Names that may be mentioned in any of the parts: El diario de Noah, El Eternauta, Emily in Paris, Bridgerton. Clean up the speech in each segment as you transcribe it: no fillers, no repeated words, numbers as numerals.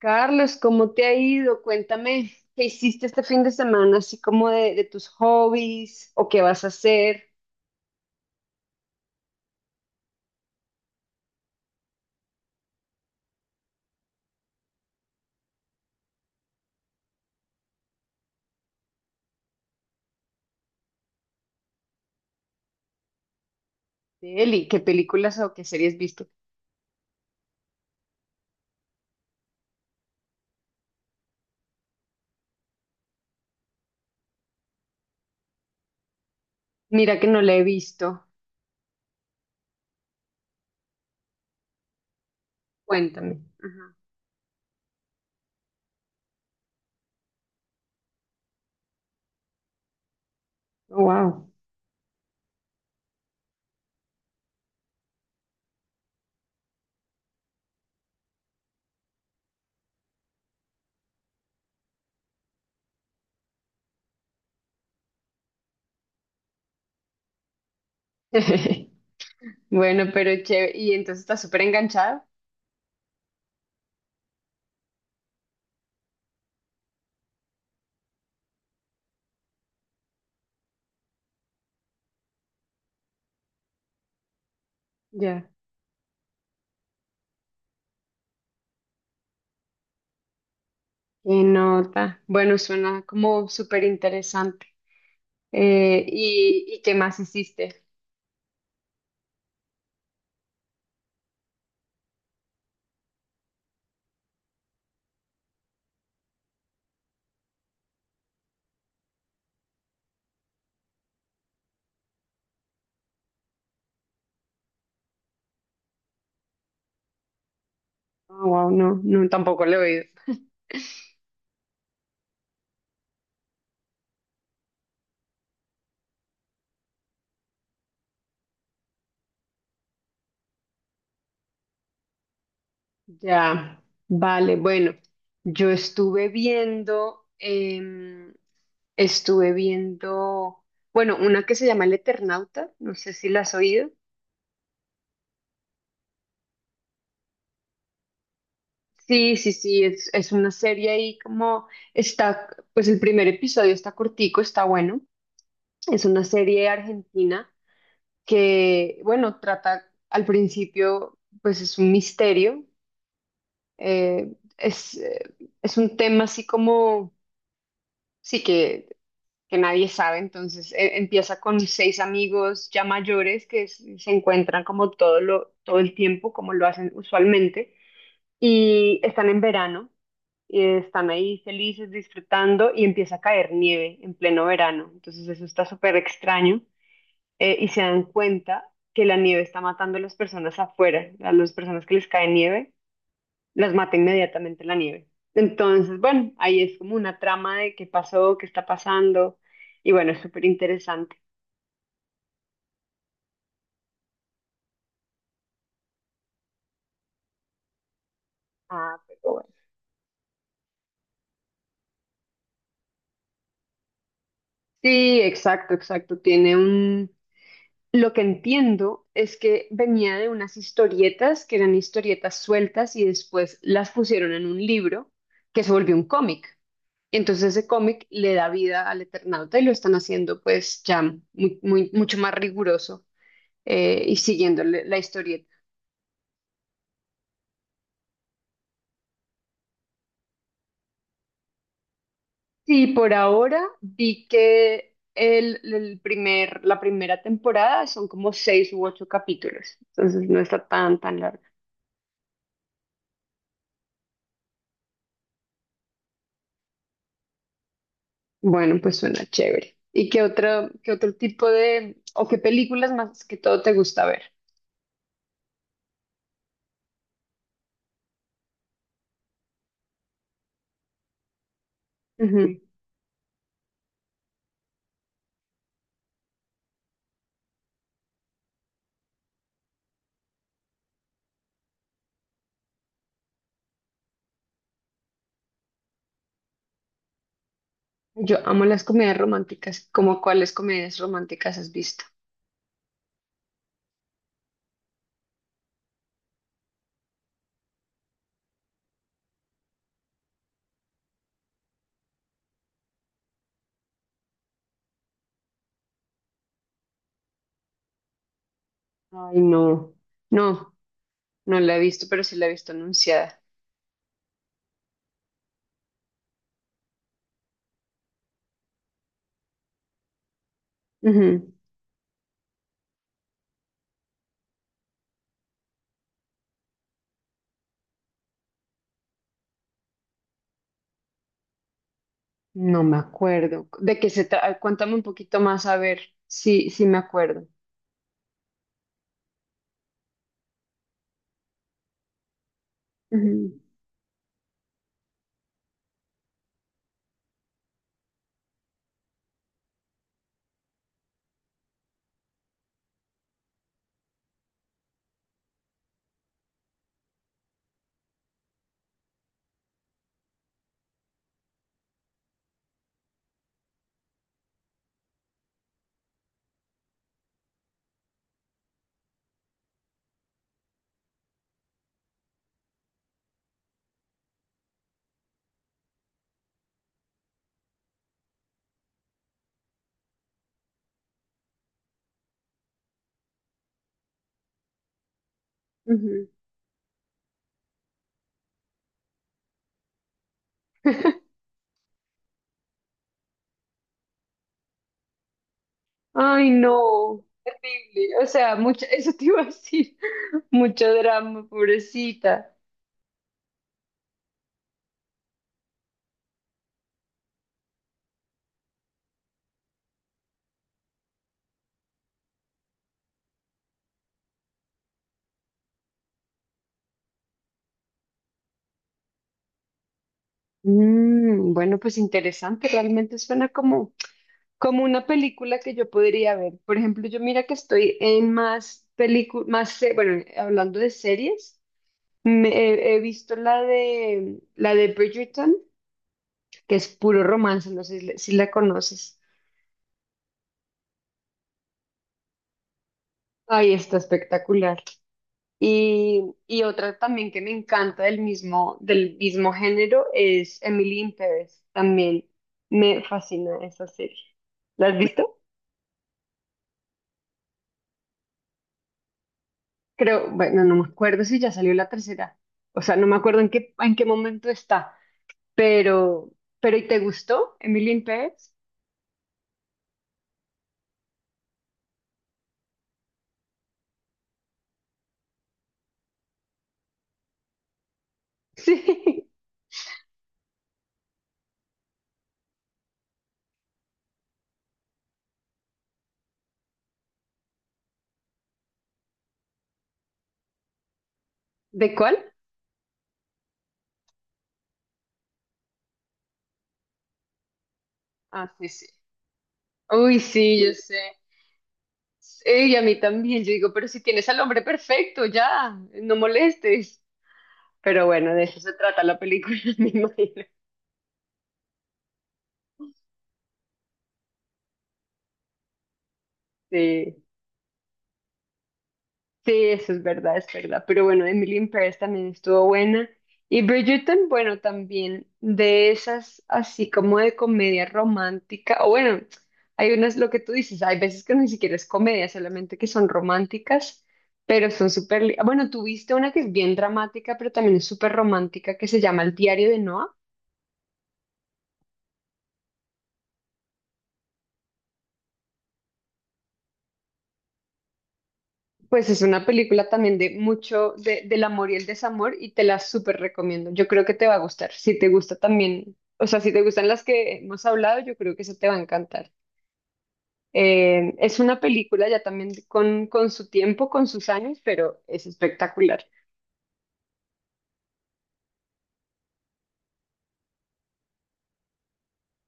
Carlos, ¿cómo te ha ido? Cuéntame, ¿qué hiciste este fin de semana? Así como de tus hobbies o qué vas a hacer. Eli, ¿qué películas o qué series viste? Mira que no la he visto. Cuéntame. Ajá. Wow. Bueno, pero chévere. ¿Y entonces estás súper enganchado? Ya. Qué nota. Bueno, suena como súper interesante. Y qué más hiciste? Wow, no, no, tampoco lo he oído. Ya, vale, bueno, yo estuve viendo, estuve viendo, bueno, una que se llama El Eternauta, no sé si la has oído. Sí, sí, sí, es una serie ahí como está, pues el primer episodio está cortico, está bueno. Es una serie argentina que, bueno, trata al principio, pues es un misterio, eh, es, eh, es un tema así como, sí que nadie sabe. Entonces empieza con seis amigos ya mayores que se encuentran como todo el tiempo, como lo hacen usualmente, y están en verano y están ahí felices, disfrutando, y empieza a caer nieve en pleno verano. Entonces eso está súper extraño, y se dan cuenta que la nieve está matando a las personas afuera, a las personas que les cae nieve las mata inmediatamente la nieve. Entonces, bueno, ahí es como una trama de qué pasó, qué está pasando, y bueno, es súper interesante. Ah, pero bueno. Sí, exacto, exacto. Tiene un... Lo que entiendo es que venía de unas historietas que eran historietas sueltas y después las pusieron en un libro que se volvió un cómic. Entonces ese cómic le da vida al Eternauta y lo están haciendo pues ya mucho más riguroso, y siguiendo la historieta. Sí, por ahora vi que el primer, la primera temporada son como seis u ocho capítulos, entonces no está tan larga. Bueno, pues suena chévere. ¿Y qué otro tipo de, o qué películas más que todo te gusta ver? Ujú. Yo amo las comedias románticas. ¿Cómo cuáles comedias románticas has visto? Ay, no, no, no la he visto, pero sí la he visto anunciada. Ujú. No me acuerdo. ¿De qué se trata? Cuéntame un poquito más a ver si me acuerdo. Ujú, ujú. Ay, no, terrible. O sea, mucha eso te iba a decir, mucho drama, pobrecita. Mm, bueno, pues interesante, realmente suena como, como una película que yo podría ver. Por ejemplo, yo mira que estoy en más películas, más, bueno, hablando de series, he, he visto la de Bridgerton, que es puro romance, no sé si la si la conoces. Ay, está espectacular. Y otra también que me encanta del mismo género es Emily in Paris. También me fascina esa serie. ¿La has visto? Creo, bueno, no me acuerdo si ya salió la tercera. O sea, no me acuerdo en qué momento está. Pero, pero ¿y te gustó Emily in Paris? Sí. ¿De cuál? Ah, sí, sí. Uy, sí, yo sé. Sí, y a mí también. Yo digo, pero si tienes al hombre perfecto, ya, no molestes. Pero bueno, de eso se trata la película, me imagino. Sí, sí, eso es verdad, es verdad. Pero bueno, Emily in Paris también estuvo buena. Y Bridgerton, bueno, también de esas, así como de comedia romántica. O bueno, hay unas, lo que tú dices, hay veces que ni siquiera es comedia, solamente que son románticas, pero son súper... Bueno, tú viste una que es bien dramática, pero también es súper romántica, que se llama El diario de Noah. Pues es una película también de mucho del amor y el desamor y te la súper recomiendo. Yo creo que te va a gustar. Si te gusta también, o sea, si te gustan las que hemos hablado, yo creo que eso te va a encantar. Es una película ya también con su tiempo, con sus años, pero es espectacular.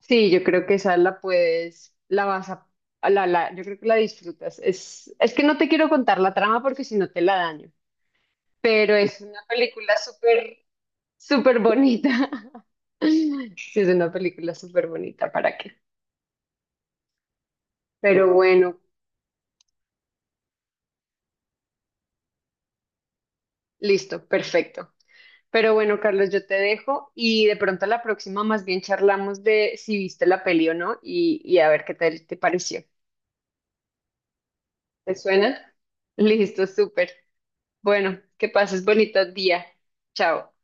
Sí, yo creo que esa la puedes, la vas a la, la, yo creo que la disfrutas. Es que no te quiero contar la trama porque si no te la daño, pero es una película súper, súper bonita. Sí, es una película súper bonita, ¿para qué? Pero bueno, listo, perfecto. Pero bueno, Carlos, yo te dejo y de pronto la próxima más bien charlamos de si viste la peli o no y, y a ver qué te pareció. ¿Te suena? Listo, súper. Bueno, que pases bonito día. Chao.